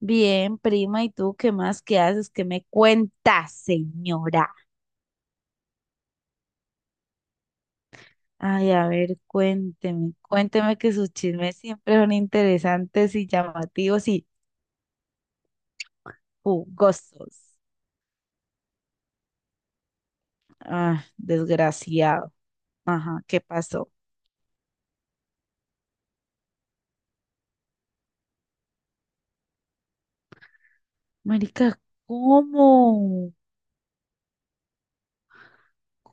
Bien, prima, ¿y tú qué más? ¿Qué haces? ¿Qué me cuentas, señora? Ay, a ver, cuénteme, cuénteme que sus chismes siempre son interesantes y llamativos y jugosos. Ah, desgraciado. Ajá, ¿qué pasó? Marica, ¿cómo?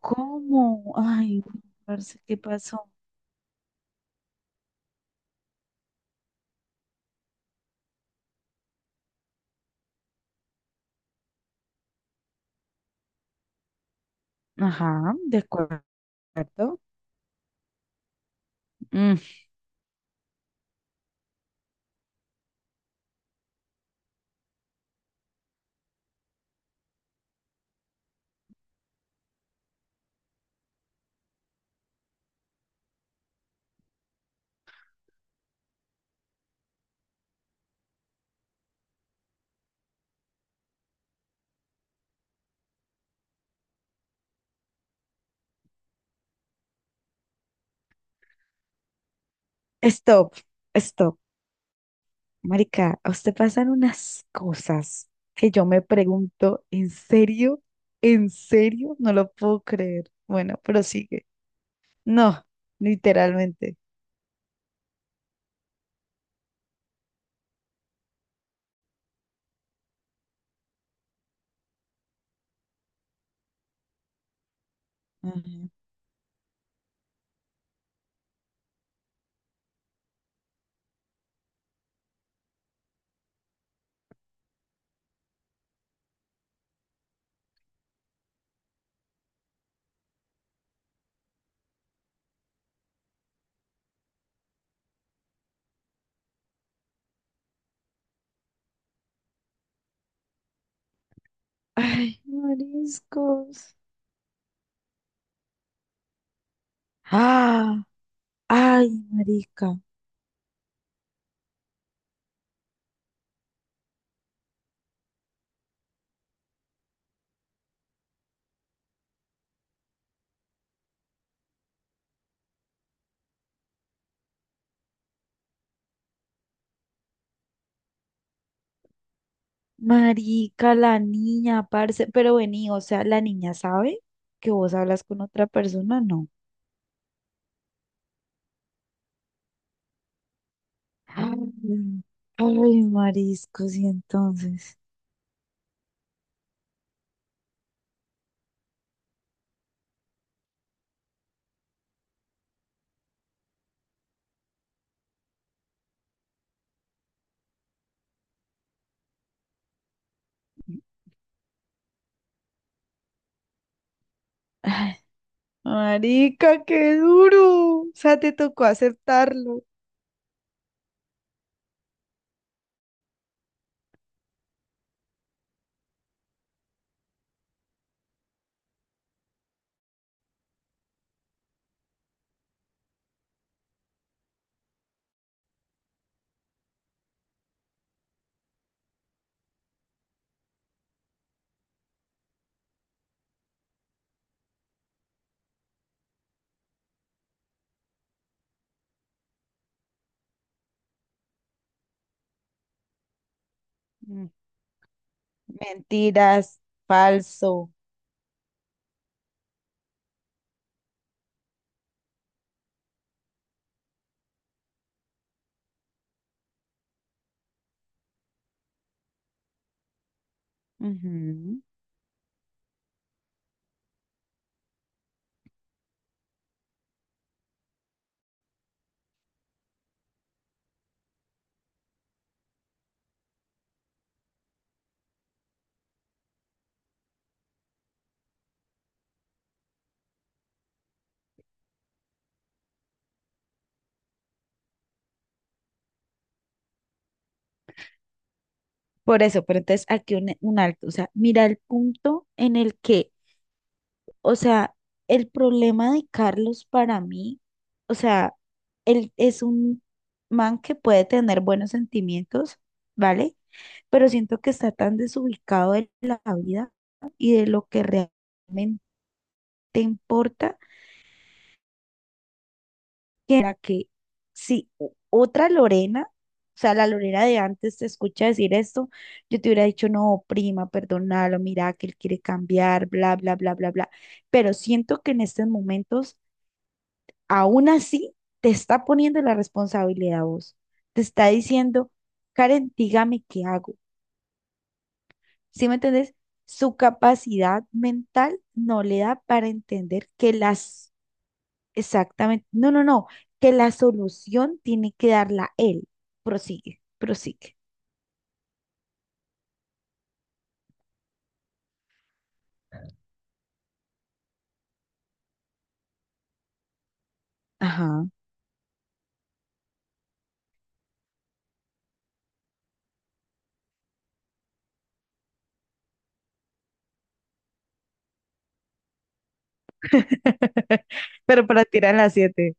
¿Cómo? Ay, no, parce, ¿qué pasó? Ajá, de acuerdo. Mm. Stop, stop. Marica, a usted pasan unas cosas que yo me pregunto, ¿en serio? ¿En serio? No lo puedo creer. Bueno, prosigue. No, literalmente. Ujú. Ay, mariscos. Ah, ay, marica. Marica, la niña, parce. Pero vení, o sea, la niña sabe que vos hablas con otra persona, no. Ay, ay, mariscos, y entonces. Ay, marica, qué duro. O sea, te tocó aceptarlo. Mm. Mentiras, falso. Ujú. Por eso, pero entonces aquí un alto. O sea, mira el punto en el que, o sea, el problema de Carlos para mí, o sea, él es un man que puede tener buenos sentimientos, ¿vale? Pero siento que está tan desubicado de la vida y de lo que realmente importa, que era que si otra Lorena, o sea, la Lorena de antes te escucha decir esto, yo te hubiera dicho, no, prima, perdónalo, mira que él quiere cambiar, bla, bla, bla, bla, bla. Pero siento que en estos momentos, aún así, te está poniendo la responsabilidad a vos. Te está diciendo, Karen, dígame qué hago. ¿Sí me entendés? Su capacidad mental no le da para entender que las... Exactamente. No, no, no. Que la solución tiene que darla él. Prosigue, prosigue. Ajá. Pero para tirar las 7.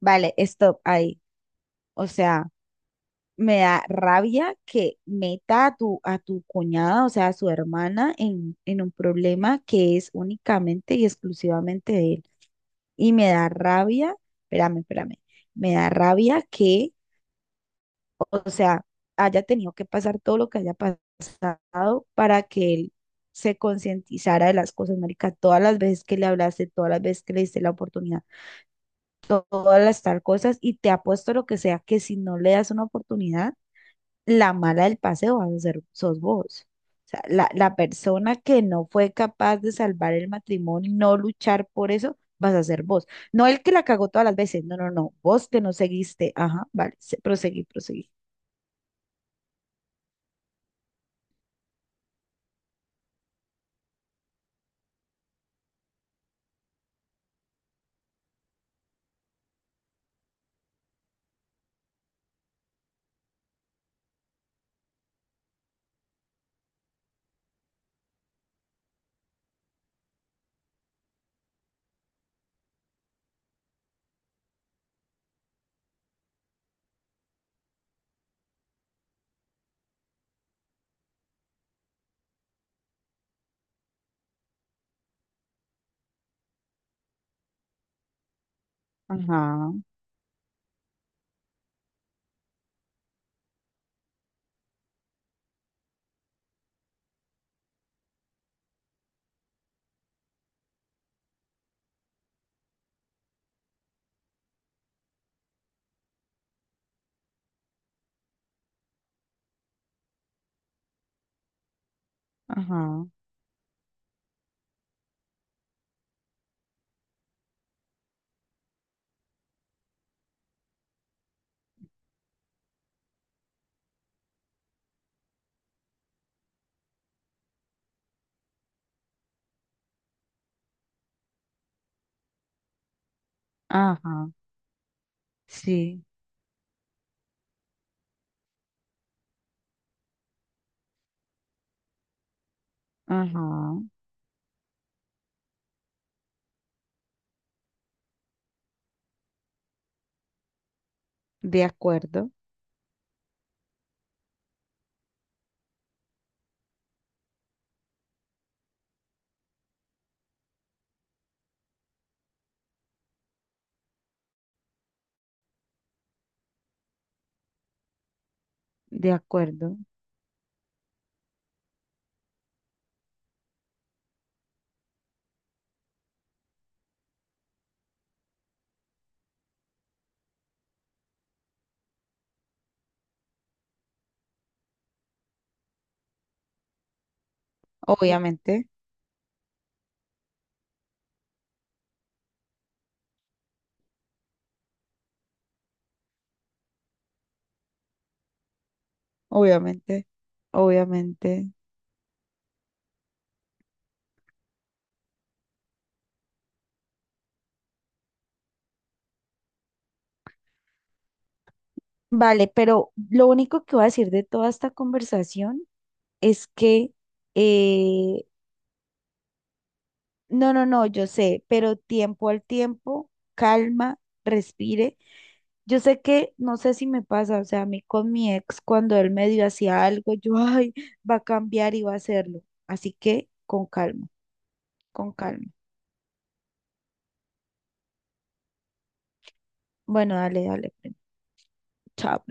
Vale, stop ahí. O sea, me da rabia que meta a tu cuñada, o sea, a su hermana, en un problema que es únicamente y exclusivamente de él. Y me da rabia, espérame, espérame, me da rabia que, o sea, haya tenido que pasar todo lo que haya pasado para que él se concientizara de las cosas, marica. Todas las veces que le hablaste, todas las veces que le diste la oportunidad, todas las tal cosas, y te apuesto lo que sea que si no le das una oportunidad, la mala del paseo vas a ser, sos vos. O sea, la persona que no fue capaz de salvar el matrimonio, no luchar por eso, vas a ser vos. No el que la cagó todas las veces, no, no, no, vos que no seguiste. Ajá, vale, proseguí, proseguí. Ajá. Ajá, ajá, sí, ajá, de acuerdo, de acuerdo, obviamente, obviamente, obviamente. Vale, pero lo único que voy a decir de toda esta conversación es que, eh, no, no, no, yo sé, pero tiempo al tiempo, calma, respire. Yo sé que, no sé si me pasa, o sea, a mí con mi ex, cuando él medio hacía algo, yo, ay, va a cambiar y va a hacerlo. Así que, con calma, con calma. Bueno, dale, dale. Chao.